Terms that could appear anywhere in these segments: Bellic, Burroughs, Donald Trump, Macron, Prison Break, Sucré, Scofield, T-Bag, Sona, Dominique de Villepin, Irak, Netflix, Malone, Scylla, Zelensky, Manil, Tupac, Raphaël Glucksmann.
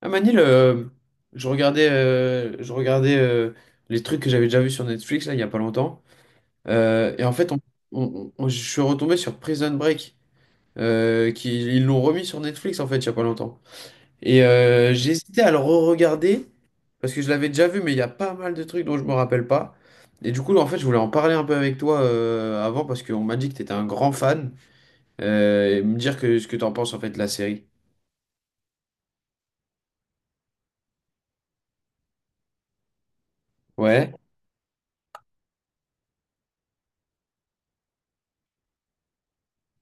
Ah Manil, je regardais les trucs que j'avais déjà vus sur Netflix là, il n'y a pas longtemps. Et en fait, je suis retombé sur Prison Break, ils l'ont remis sur Netflix en fait il n'y a pas longtemps. Et j'ai hésité à le re-regarder parce que je l'avais déjà vu, mais il y a pas mal de trucs dont je me rappelle pas. Et du coup, en fait, je voulais en parler un peu avec toi avant parce qu'on m'a dit que tu étais un grand fan et me dire ce que tu en penses en fait de la série. Ouais.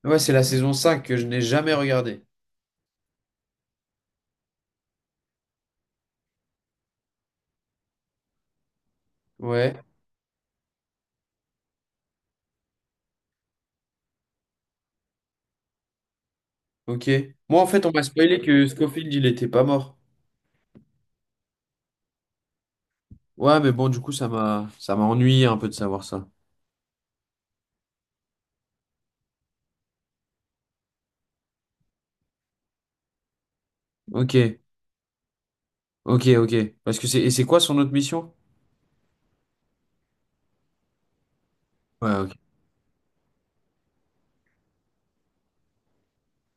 Ouais, c'est la saison 5 que je n'ai jamais regardée. Ouais. Ok. Moi, en fait, on m'a spoilé que Scofield, il était pas mort. Ouais, mais bon, du coup, ça m'a ennuyé un peu de savoir ça. Ok, ok, ok. Parce que c'est quoi son autre mission? Ouais, ok.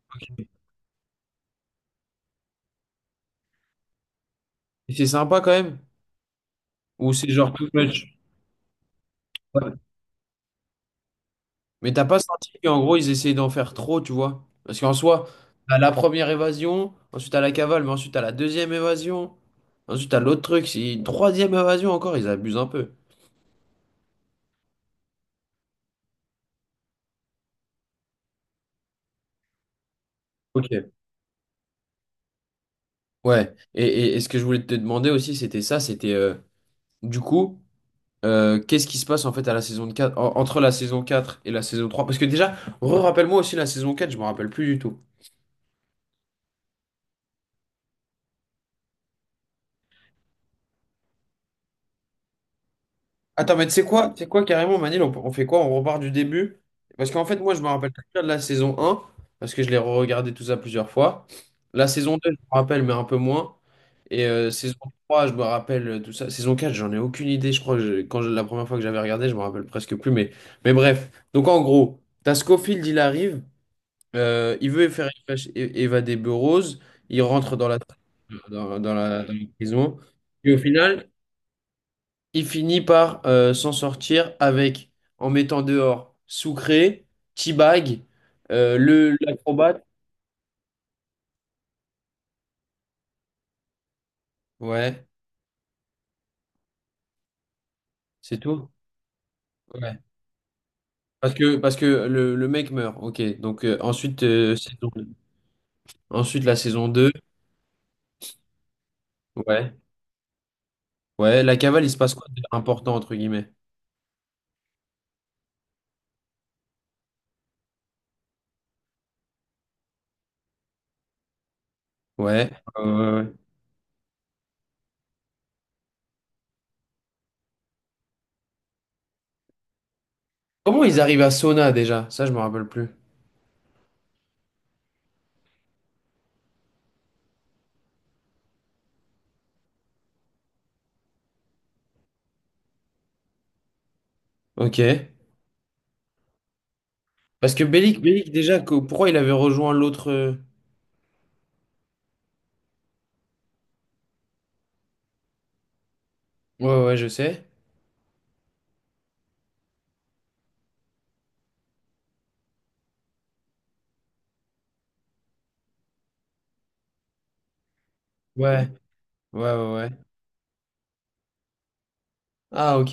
Ok. Et c'est sympa quand même? Ou c'est genre too much? Ouais. Mais t'as pas senti qu'en gros, ils essayaient d'en faire trop, tu vois? Parce qu'en soi, t'as la première évasion, ensuite t'as la cavale, mais ensuite t'as la deuxième évasion, ensuite t'as l'autre truc, c'est une troisième évasion encore, ils abusent un peu. Ok. Ouais. Et ce que je voulais te demander aussi, c'était ça, c'était du coup. Qu'est-ce qui se passe en fait à la saison 4 entre la saison 4 et la saison trois. Parce que déjà, rappelle moi aussi la saison 4. Je me rappelle plus du tout. Attends, mais tu sais quoi? Tu sais quoi carrément, Manil, on fait quoi? On repart du début? Parce qu'en fait, moi, je me rappelle très bien de la saison un parce que je l'ai regardé tout ça plusieurs fois. La saison 2, je me rappelle, mais un peu moins. Et saison 3, je me rappelle tout ça. Saison 4, j'en ai aucune idée. Je crois que la première fois que j'avais regardé, je me rappelle presque plus. Mais bref. Donc en gros, t'as Scofield, il arrive. Il veut faire évader Burroughs. Il rentre dans la prison. Et au final, il finit par s'en sortir avec, en mettant dehors Sucré, T-Bag, l'acrobate. Ouais, c'est tout. Ouais. Parce que le mec meurt. Ok. Donc ensuite, saison deux. Ensuite, la saison 2. Ouais. Ouais. La cavale, il se passe quoi d'important, entre guillemets? Ouais. Ouais, ouais, ouais. Comment ils arrivent à Sona déjà? Ça, je me rappelle plus. Ok. Parce que Bellic, Bellic déjà, pourquoi il avait rejoint l'autre. Ouais, ouais, je sais. Ouais, ouais, ouais, ouais. Ah, ok.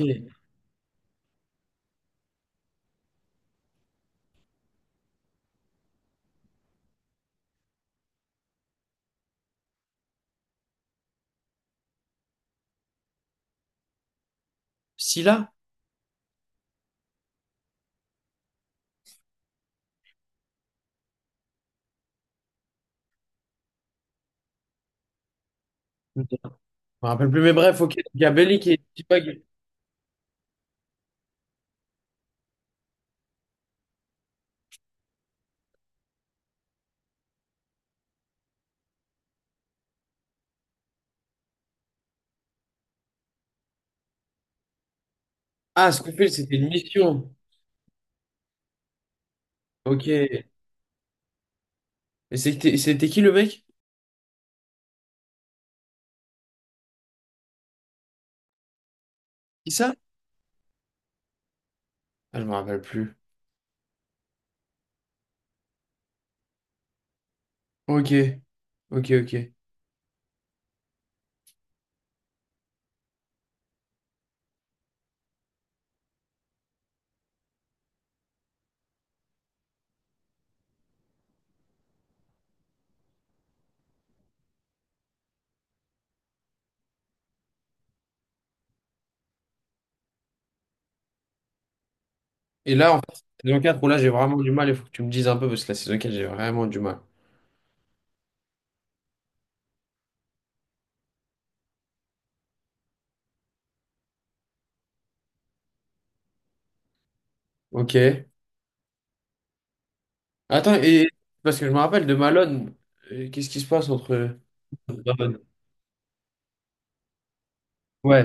Scylla? Ok. Je me rappelle plus, mais bref, ok. Il y a Bellic et Tupac. Ah, Scofield, c'était une mission. Ok. Et c'était qui le mec? Qui ça? Ah, je me rappelle plus. Ok. Ok, ok. Et là, en fait, saison quatre, où là, j'ai vraiment du mal, il faut que tu me dises un peu, parce que la saison 4, j'ai vraiment du mal. Ok. Attends, et parce que je me rappelle de Malone, qu'est-ce qui se passe entre. Malone. Ouais.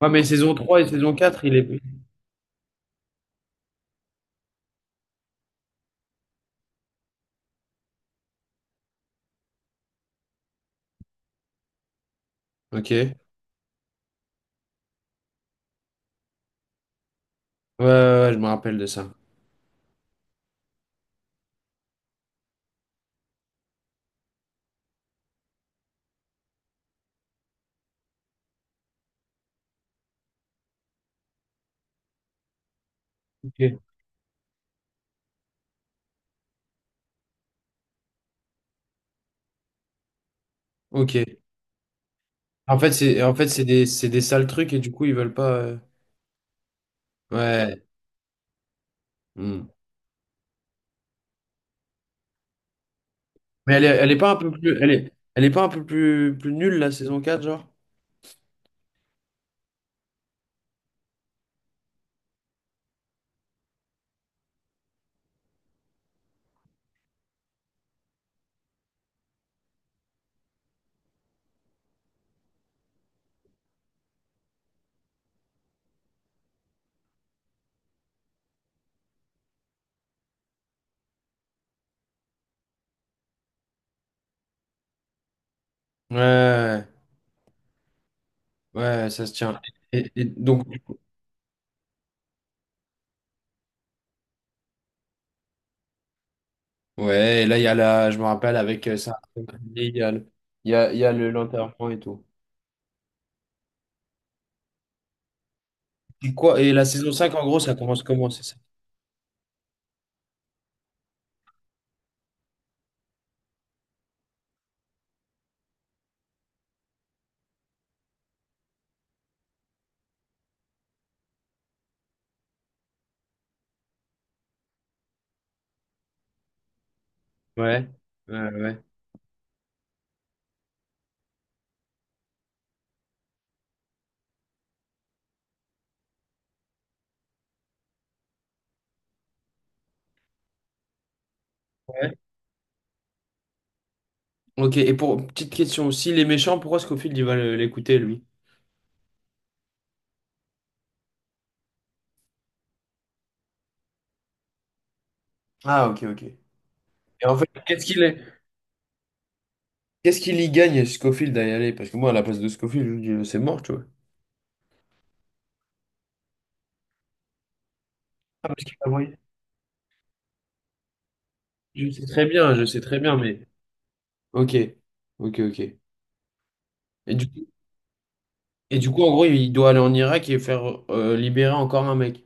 Ouais, mais saison 3 et saison 4 il est. Ok. Ouais, ouais, ouais, je me rappelle de ça. Ok. Ok. En fait, c'est des sales trucs et du coup, ils veulent pas. Ouais. Hmm. Mais elle est pas un peu plus. Elle est pas un peu plus, plus nulle, la saison quatre genre? Ouais. Ouais, ça se tient. Et donc, ouais, et là, il y a la. Je me rappelle avec ça. Il y a le, il y a le l'enterrement et tout. Et quoi? Et la saison 5 en gros, ça commence comment, c'est ça? Ouais. Ouais, ouais. Ok, et pour petite question aussi, les méchants, pourquoi Scofield il va l'écouter lui? Ah, ok, ok. Et en fait, qu'est-ce qu'il y gagne Scofield à y aller? Parce que moi, à la place de Scofield, je me dis, c'est mort, tu vois. Ah, parce qu'il a voyé. Je sais très bien, je sais très bien, mais. Ok, ok, ok. Et du coup, et du coup, en gros, il doit aller en Irak et faire libérer encore un mec.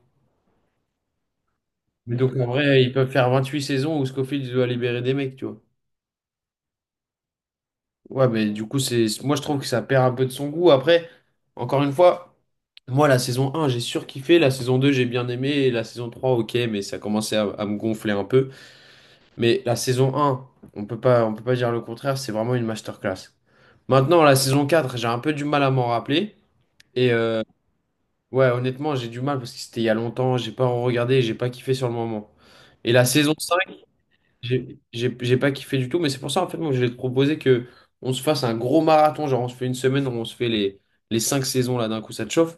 Mais donc, en vrai, ils peuvent faire 28 saisons où Scofield doit libérer des mecs, tu vois. Ouais, mais du coup, c'est, moi je trouve que ça perd un peu de son goût. Après, encore une fois, moi la saison un j'ai surkiffé, la saison 2 j'ai bien aimé, et la saison 3 ok, mais ça commençait à me gonfler un peu. Mais la saison un on peut pas dire le contraire, c'est vraiment une masterclass. Maintenant, la saison 4 j'ai un peu du mal à m'en rappeler. Et ouais, honnêtement, j'ai du mal parce que c'était il y a longtemps, j'ai pas regardé, j'ai pas kiffé sur le moment. Et la saison 5 j'ai pas kiffé du tout, mais c'est pour ça en fait moi je vais te proposer que on se fasse un gros marathon, genre on se fait une semaine où on se fait les cinq saisons là d'un coup, ça te chauffe?